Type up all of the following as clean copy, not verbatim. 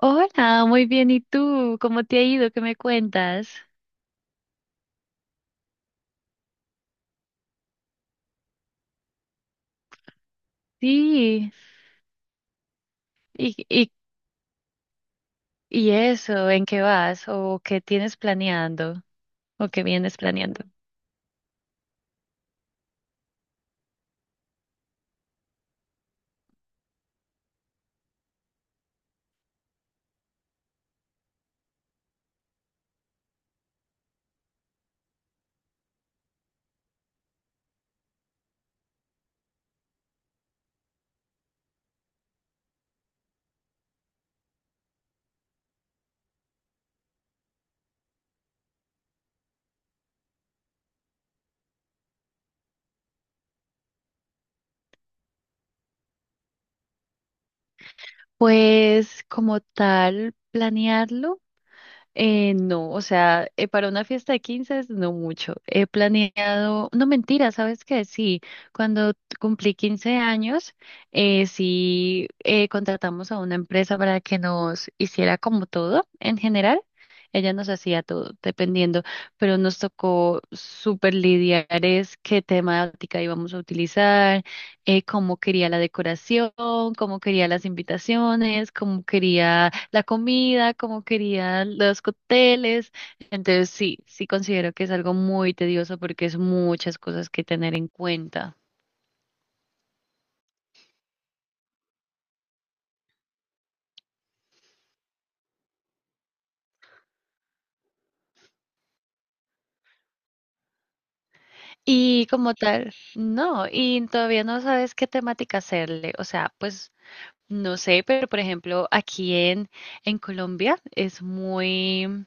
Hola, muy bien. ¿Y tú? ¿Cómo te ha ido? ¿Qué me cuentas? Sí. ¿Y, y, y eso? ¿En qué vas? ¿O qué tienes planeando? ¿O qué vienes planeando? Pues como tal, planearlo. No, o sea, para una fiesta de 15 es no mucho. He planeado, no mentira, ¿sabes qué? Sí, cuando cumplí 15 años, sí contratamos a una empresa para que nos hiciera como todo en general. Ella nos hacía todo, dependiendo, pero nos tocó súper lidiar es qué temática íbamos a utilizar, cómo quería la decoración, cómo quería las invitaciones, cómo quería la comida, cómo quería los cócteles. Entonces sí, sí considero que es algo muy tedioso porque es muchas cosas que tener en cuenta. Y como tal, no, y todavía no sabes qué temática hacerle. O sea, pues no sé, pero por ejemplo, en Colombia es muy...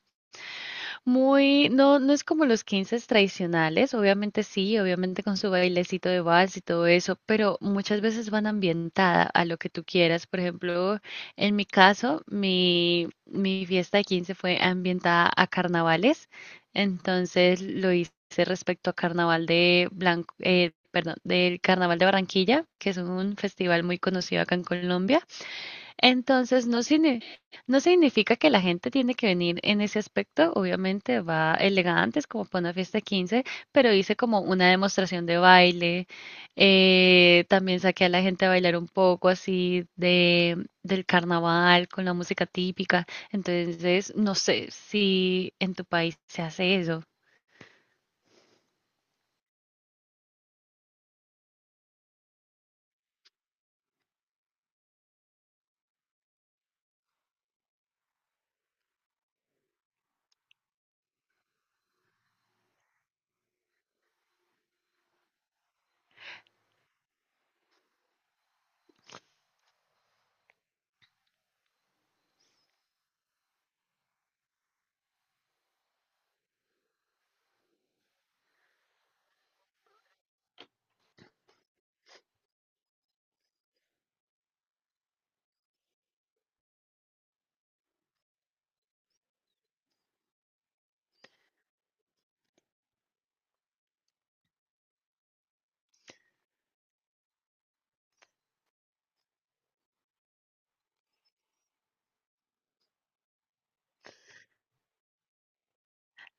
Muy, no, no es como los 15 tradicionales, obviamente sí, obviamente con su bailecito de vals y todo eso, pero muchas veces van ambientada a lo que tú quieras. Por ejemplo, en mi caso, mi fiesta de 15 fue ambientada a carnavales, entonces lo hice respecto a carnaval de Blanco, perdón, del Carnaval de Barranquilla, que es un festival muy conocido acá en Colombia. Entonces, no, no significa que la gente tiene que venir en ese aspecto. Obviamente va elegantes como para una fiesta de 15, pero hice como una demostración de baile. También saqué a la gente a bailar un poco así de, del carnaval con la música típica. Entonces, no sé si en tu país se hace eso.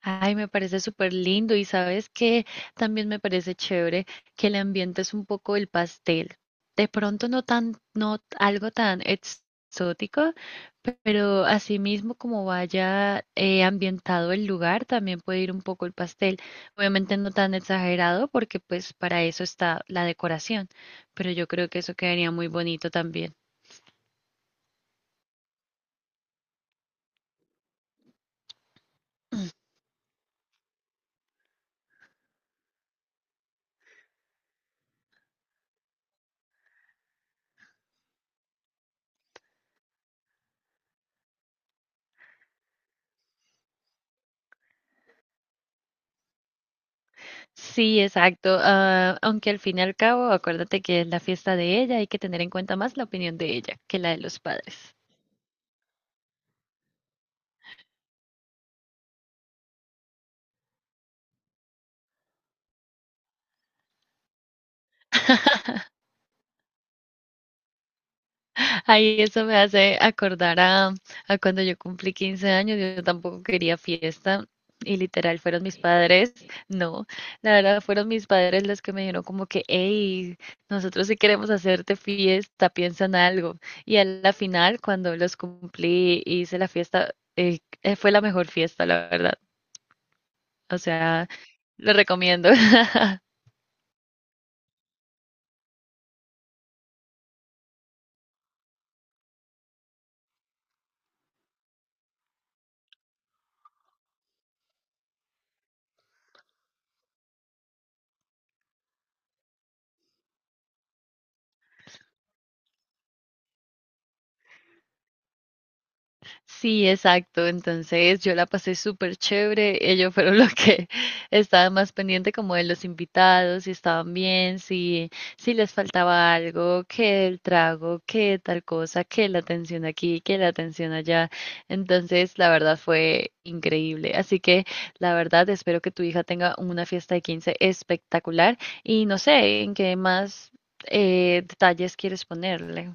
Ay, me parece súper lindo y sabes que también me parece chévere que el ambiente es un poco el pastel. De pronto no tan, no t- algo tan exótico, pero asimismo como vaya ambientado el lugar, también puede ir un poco el pastel. Obviamente no tan exagerado porque pues para eso está la decoración, pero yo creo que eso quedaría muy bonito también. Sí, exacto. Aunque al fin y al cabo, acuérdate que es la fiesta de ella, hay que tener en cuenta más la opinión de ella que la de los padres. Ahí eso me hace acordar a cuando yo cumplí 15 años, yo tampoco quería fiesta y literal fueron mis padres, no, la verdad fueron mis padres los que me dijeron como que, hey, nosotros sí queremos hacerte fiesta, piensa en algo. Y a la final, cuando los cumplí, y hice la fiesta, fue la mejor fiesta, la verdad. O sea, lo recomiendo. Sí, exacto. Entonces yo la pasé súper chévere. Ellos fueron los que estaban más pendientes como de los invitados, si estaban bien, si, si les faltaba algo, que el trago, que tal cosa, que la atención aquí, que la atención allá. Entonces, la verdad fue increíble. Así que, la verdad, espero que tu hija tenga una fiesta de 15 espectacular y no sé en qué más detalles quieres ponerle.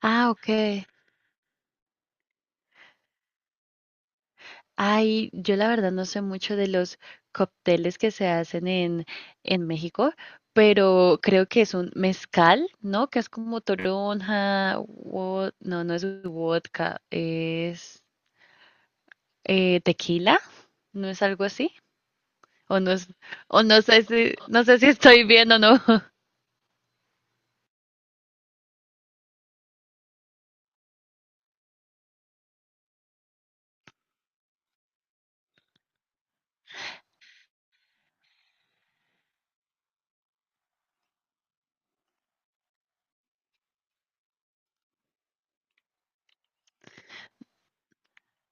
Ah, ok. Ay, yo la verdad no sé mucho de los cócteles que se hacen en México, pero creo que es un mezcal, ¿no? Que es como toronja, no, no es vodka, es tequila, ¿no es algo así? O no es, o no sé si, no sé si estoy bien o no.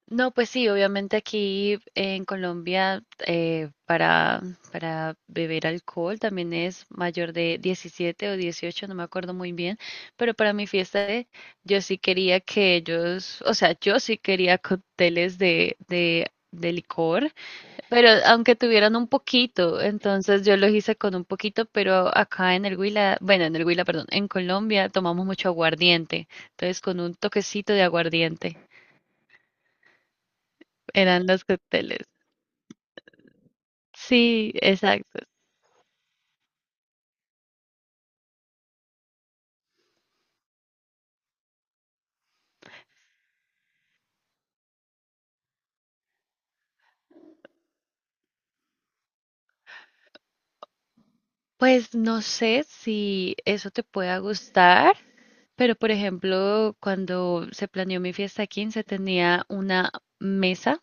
No, pues sí, obviamente aquí en Colombia para beber alcohol también es mayor de 17 o 18, no me acuerdo muy bien, pero para mi yo sí quería que ellos, o sea, yo sí quería cócteles de licor, pero aunque tuvieran un poquito, entonces yo los hice con un poquito, pero acá en el Huila, bueno, en el Huila, perdón, en Colombia tomamos mucho aguardiente, entonces con un toquecito de aguardiente eran los cócteles. Sí, exacto. Pues no sé si eso te pueda gustar, pero por ejemplo, cuando se planeó mi fiesta de 15 tenía una mesa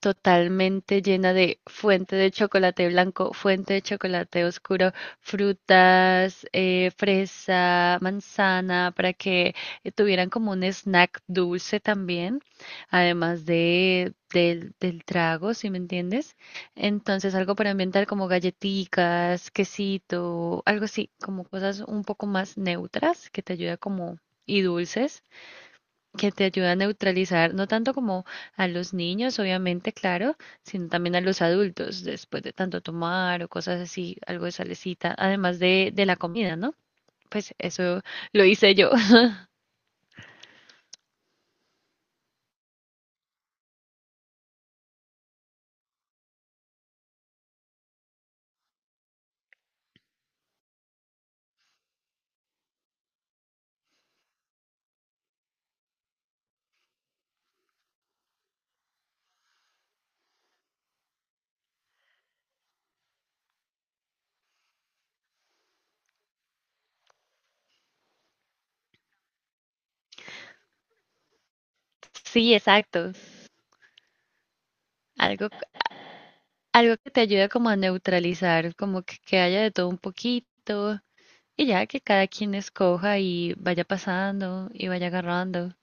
totalmente llena de fuente de chocolate blanco, fuente de chocolate oscuro, frutas, fresa, manzana, para que tuvieran como un snack dulce también, además del trago, si me entiendes. Entonces, algo para ambientar como galletitas, quesito, algo así, como cosas un poco más neutras que te ayuda como y dulces que te ayuda a neutralizar, no tanto como a los niños, obviamente, claro, sino también a los adultos, después de tanto tomar o cosas así, algo de salecita, además de la comida, ¿no? Pues eso lo hice yo. Sí, exacto. Algo, Algo que te ayuda como a neutralizar, como que haya de todo un poquito, y ya que cada quien escoja y vaya pasando y vaya agarrando.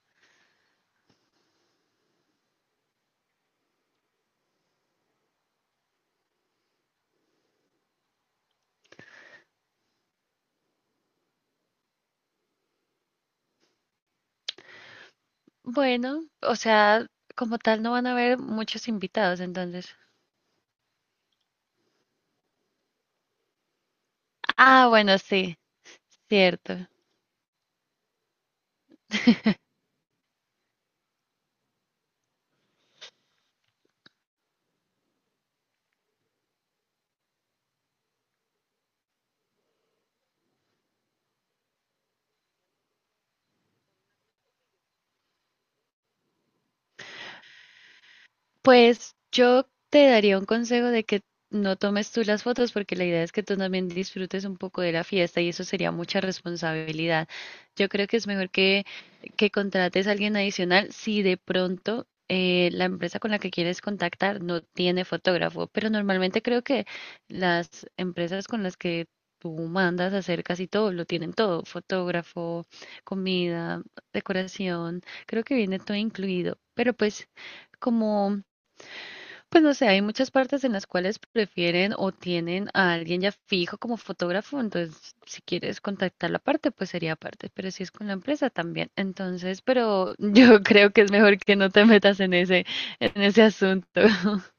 Bueno, o sea, como tal no van a haber muchos invitados, entonces. Ah, bueno, sí, cierto. Pues yo te daría un consejo de que no tomes tú las fotos porque la idea es que tú también disfrutes un poco de la fiesta y eso sería mucha responsabilidad. Yo creo que es mejor que contrates a alguien adicional si de pronto la empresa con la que quieres contactar no tiene fotógrafo, pero normalmente creo que las empresas con las que tú mandas a hacer casi todo, lo tienen todo, fotógrafo, comida, decoración, creo que viene todo incluido, pero pues como pues no sé, hay muchas partes en las cuales prefieren o tienen a alguien ya fijo como fotógrafo, entonces si quieres contactar la parte, pues sería aparte, pero si es con la empresa también. Entonces, pero yo creo que es mejor que no te metas en en ese asunto.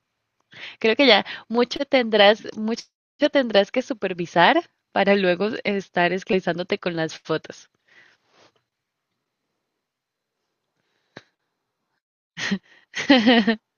Creo que ya mucho tendrás que supervisar para luego estar esclavizándote con las fotos.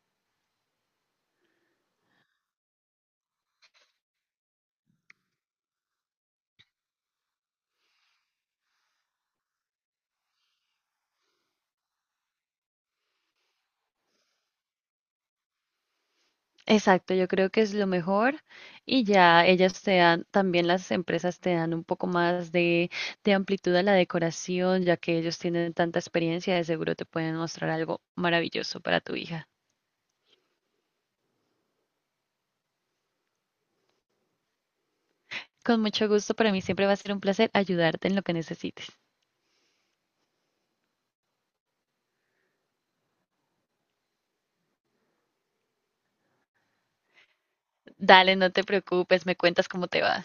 Exacto, yo creo que es lo mejor y ya ellas te dan, también las empresas te dan un poco más de amplitud a la decoración, ya que ellos tienen tanta experiencia, de seguro te pueden mostrar algo maravilloso para tu hija. Con mucho gusto, para mí siempre va a ser un placer ayudarte en lo que necesites. Dale, no te preocupes, me cuentas cómo te va.